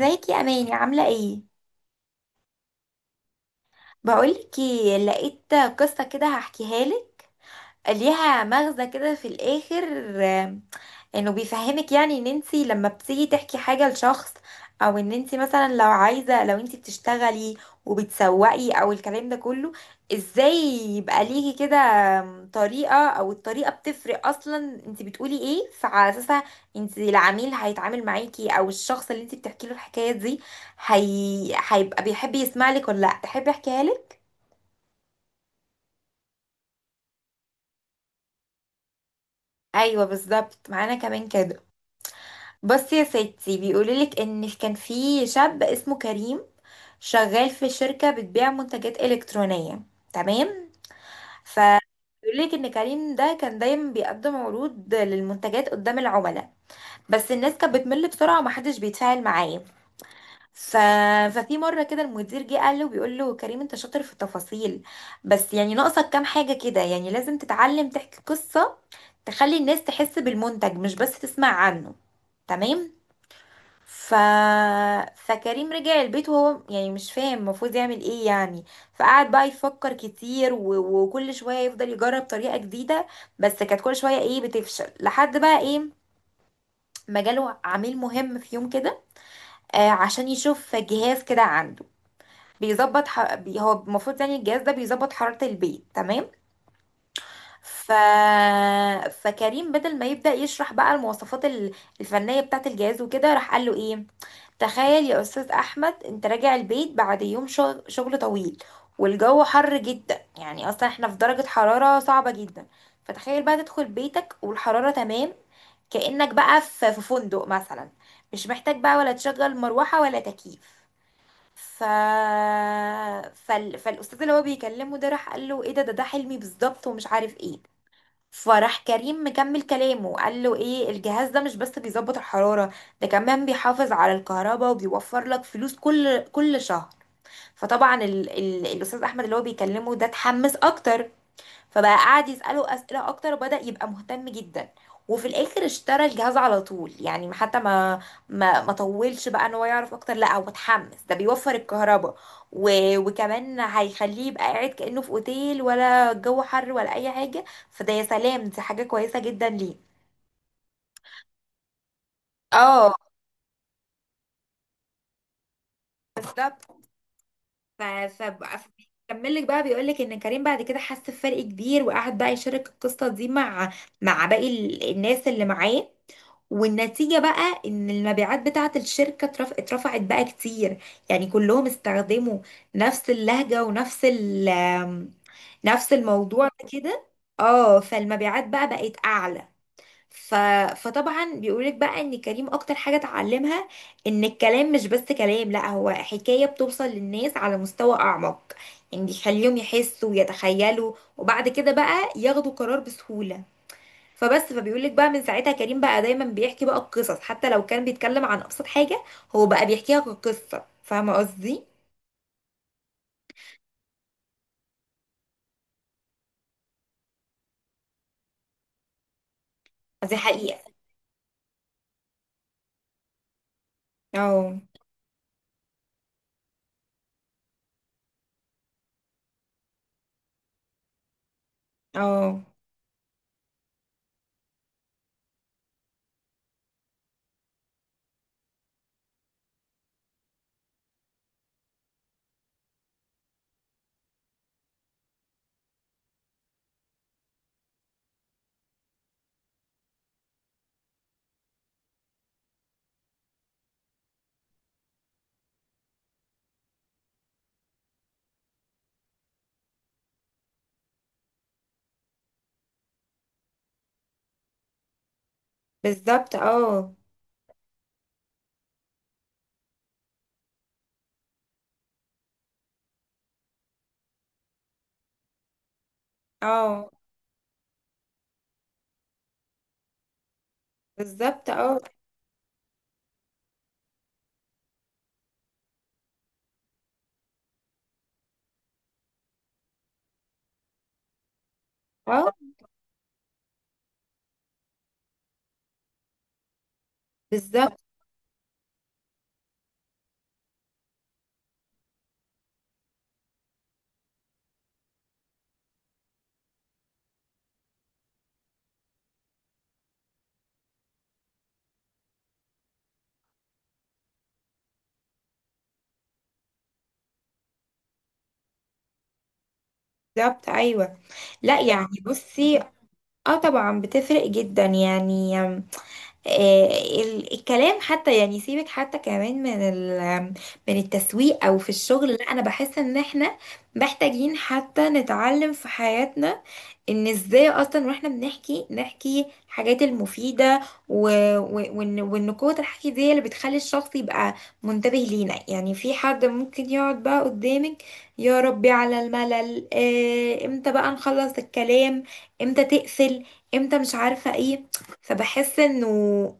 ازيك يا اماني، عامله ايه؟ بقولك ايه، لقيت قصه كده هحكيها لك، ليها مغزى كده في الاخر. آم، انه بيفهمك، يعني ان انتي لما بتيجي تحكي حاجة لشخص، او ان انتي مثلا لو انتي بتشتغلي وبتسوقي او الكلام ده كله، ازاي يبقى ليكي كده طريقة او الطريقة بتفرق اصلا. انتي بتقولي ايه فعلى اساسها العميل هيتعامل معاكي، او الشخص اللي انتي بتحكي له الحكاية دي هيبقى بيحب يسمع لك ولا لا؟ تحبي احكيها لك؟ ايوه بالظبط، معانا كمان كده. بصي يا ستي، بيقولولك ان كان في شاب اسمه كريم، شغال في شركة بتبيع منتجات إلكترونية. تمام. ف بيقولك ان كريم ده كان دايما بيقدم عروض للمنتجات قدام العملاء، بس الناس كانت بتمل بسرعة ومحدش بيتفاعل معاه. ف... ففي مرة كده المدير جه قال له بيقول له كريم انت شاطر في التفاصيل، بس يعني ناقصك كام حاجة كده. يعني لازم تتعلم تحكي قصة، تخلي الناس تحس بالمنتج مش بس تسمع عنه. تمام. ف... فكريم رجع البيت وهو يعني مش فاهم المفروض يعمل ايه يعني، فقعد بقى يفكر كتير وكل شوية يفضل يجرب طريقة جديدة، بس كانت كل شوية ايه؟ بتفشل، لحد بقى ايه؟ ما جاله عميل مهم في يوم كده، آه، عشان يشوف جهاز كده عنده. هو المفروض، يعني الجهاز ده بيظبط حرارة البيت. تمام. ف... فكريم بدل ما يبدأ يشرح بقى المواصفات الفنية بتاعة الجهاز وكده، راح قال له ايه؟ تخيل يا أستاذ أحمد أنت راجع البيت بعد يوم شغل طويل، والجو حر جدا، يعني أصلا احنا في درجة حرارة صعبة جدا. فتخيل بقى تدخل بيتك والحرارة تمام، كأنك بقى في فندق مثلا، مش محتاج بقى ولا تشغل مروحة ولا تكييف. ف... فالأستاذ اللي هو بيكلمه ده راح قال له ايه؟ ده حلمي بالظبط ومش عارف ايه. فراح كريم مكمل كلامه قال له ايه؟ الجهاز ده مش بس بيظبط الحرارة، ده كمان بيحافظ على الكهرباء وبيوفر لك فلوس كل شهر. فطبعا ال ال الأستاذ أحمد اللي هو بيكلمه ده اتحمس أكتر، فبقى قعد يسأله أسئلة أكتر وبدأ يبقى مهتم جدا، وفي الآخر اشترى الجهاز على طول. يعني حتى ما طولش بقى ان هو يعرف اكتر، لا هو اتحمس، ده بيوفر الكهرباء و... وكمان هيخليه يبقى قاعد كأنه في اوتيل، ولا الجو حر ولا اي حاجة. فده يا سلام، دي حاجة كويسة جدا، ليه؟ اه بالظبط. ف ف كمل لك بقى، بيقول لك ان كريم بعد كده حس بفرق كبير، وقعد بقى يشارك القصه دي مع باقي الناس اللي معاه، والنتيجه بقى ان المبيعات بتاعه الشركه اترفعت بقى كتير. يعني كلهم استخدموا نفس اللهجه ونفس الموضوع ده كده. اه، فالمبيعات بقى بقت اعلى. ف... فطبعا بيقولك بقى ان كريم اكتر حاجة اتعلمها، ان الكلام مش بس كلام، لا هو حكاية بتوصل للناس على مستوى اعمق. يعني بيخليهم يحسوا ويتخيلوا، وبعد كده بقى ياخدوا قرار بسهولة. فبيقولك بقى من ساعتها كريم بقى دايما بيحكي بقى القصص، حتى لو كان بيتكلم عن ابسط حاجة، هو بقى بيحكيها كقصة. فاهمة قصدي؟ دي حقيقة. اه اه، بالظبط. اه اه، بالظبط. اه اه، بالظبط. بالظبط ايوه. لا يعني بصي، اه طبعا بتفرق جدا يعني. آم، آه الكلام حتى، يعني سيبك حتى كمان من ال آم، من التسويق او في الشغل، لا انا بحس ان احنا محتاجين حتى نتعلم في حياتنا ان ازاي اصلا واحنا نحكي الحاجات المفيدة و... و... وان قوة الحكي دي هي اللي بتخلي الشخص يبقى منتبه لينا. يعني في حد ممكن يقعد بقى قدامك، يا ربي على الملل، امتى بقى نخلص الكلام، امتى تقفل، امتى مش عارفة ايه. فبحس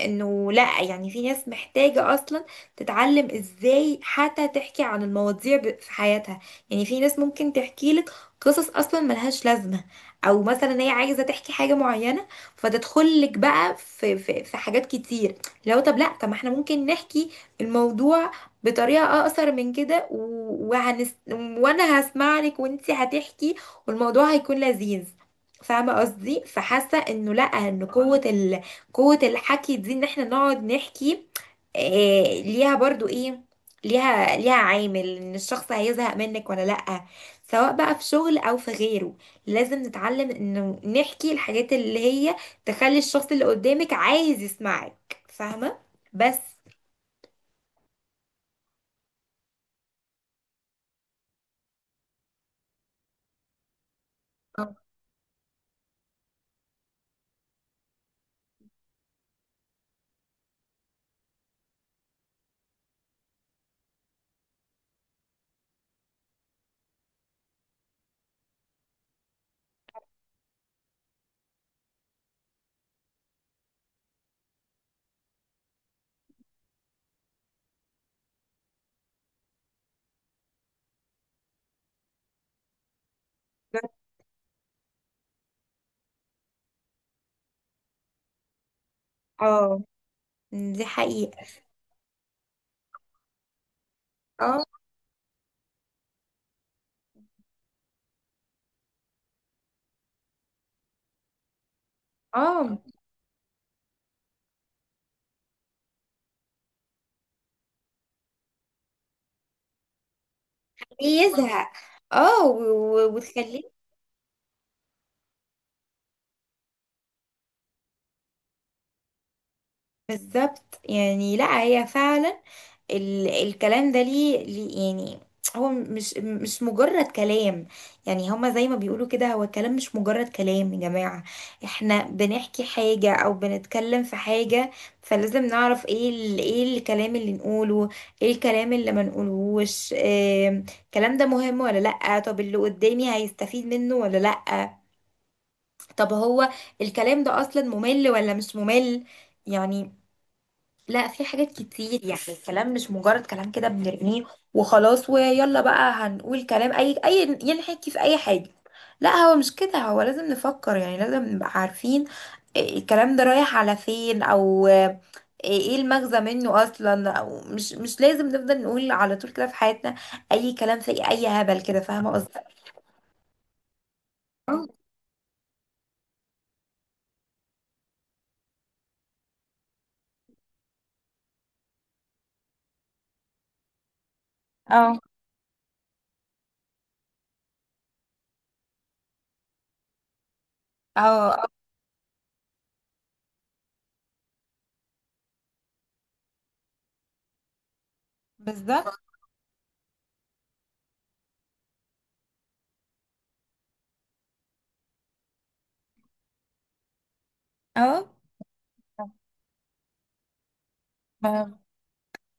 انه لا، يعني في ناس محتاجة اصلا تتعلم ازاي حتى تحكي عن المواضيع في حياتها. يعني في ناس ممكن تحكي لك قصص اصلا ملهاش لازمة، او مثلا هي عايزه تحكي حاجه معينه، فتدخل لك بقى في حاجات كتير. لو طب لا طب ما احنا ممكن نحكي الموضوع بطريقه اقصر من كده، وانا هسمع لك وانتي هتحكي، والموضوع هيكون لذيذ. فاهمه قصدي؟ فحاسه انه لا، ان قوه الحكي دي، ان احنا نقعد نحكي، ليها برضو ايه؟ ليها عامل ان الشخص هيزهق منك ولا لا، سواء بقى في شغل او في غيره. لازم نتعلم انه نحكي الحاجات اللي هي تخلي الشخص اللي قدامك عايز يسمعك، فاهمة؟ بس. اه بجد. اه دي حقيقة. اه اه، يزهق، اه، وتخليه. بالظبط، يعني لا هي فعلا، الكلام ده ليه يعني، هو مش مجرد كلام. يعني هما زي ما بيقولوا كده، هو الكلام مش مجرد كلام يا جماعة، احنا بنحكي حاجة او بنتكلم في حاجة، فلازم نعرف ايه ال ايه الكلام اللي نقوله، ايه الكلام اللي ما نقولهوش، إيه الكلام ده؟ مهم ولا لأ؟ طب اللي قدامي هيستفيد منه ولا لأ؟ طب هو الكلام ده اصلا ممل ولا مش ممل؟ يعني لا، في حاجات كتير. يعني الكلام مش مجرد كلام كده بنرميه وخلاص، ويلا بقى هنقول كلام اي ينحكي في اي حاجة. لا هو مش كده، هو لازم نفكر. يعني لازم نبقى عارفين إيه الكلام ده، رايح على فين او ايه، إيه المغزى منه اصلا؟ او مش لازم نفضل نقول على طول كده في حياتنا اي كلام في اي هبل كده. فاهمة قصدي؟ اه اه اه، بالظبط، اه.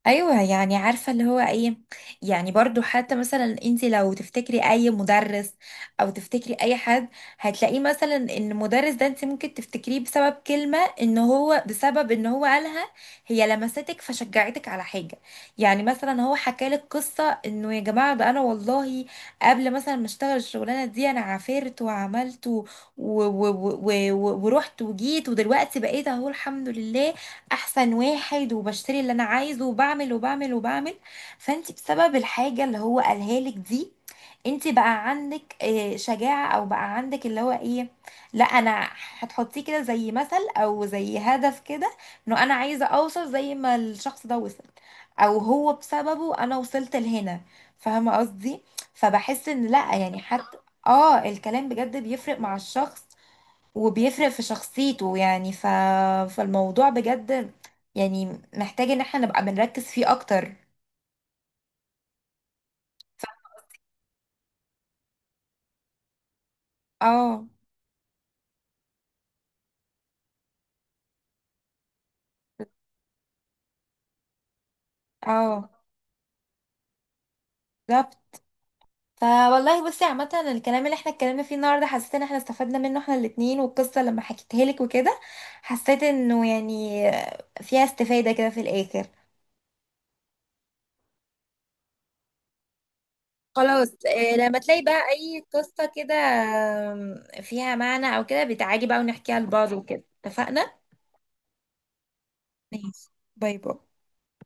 ايوه يعني، عارفه اللي هو ايه، يعني برضو حتى مثلا انت لو تفتكري اي مدرس او تفتكري اي حد، هتلاقيه مثلا ان المدرس ده انت ممكن تفتكريه بسبب كلمه ان هو قالها، هي لمستك فشجعتك على حاجه. يعني مثلا هو حكالك قصه انه، يا جماعه ده انا والله قبل مثلا ما اشتغل الشغلانه دي انا عافرت وعملت و... و... ورحت وجيت ودلوقتي بقيت اهو الحمد لله احسن واحد، وبشتري اللي انا عايزه وبعمل وبعمل وبعمل. فانت بسبب الحاجة اللي هو قالها لك دي، انت بقى عندك شجاعة، او بقى عندك اللي هو ايه، لا انا هتحطيه كده زي مثل او زي هدف كده، انه انا عايزة اوصل زي ما الشخص ده وصل، او هو بسببه انا وصلت لهنا. فاهمة قصدي؟ فبحس ان لا، يعني حتى اه الكلام بجد بيفرق مع الشخص وبيفرق في شخصيته يعني، فالموضوع بجد يعني محتاج ان احنا نبقى بنركز فيه اكتر. اه اه، بالظبط. فوالله بصي، عامة الكلام اللي احنا اتكلمنا فيه النهارده حسيت ان احنا استفدنا منه احنا الاتنين، والقصة لما حكيتها لك وكده حسيت انه يعني فيها استفادة كده في الاخر. خلاص، لما تلاقي بقى اي قصة كده فيها معنى او كده، بتعالي بقى ونحكيها لبعض وكده، اتفقنا؟ ماشي، باي باي.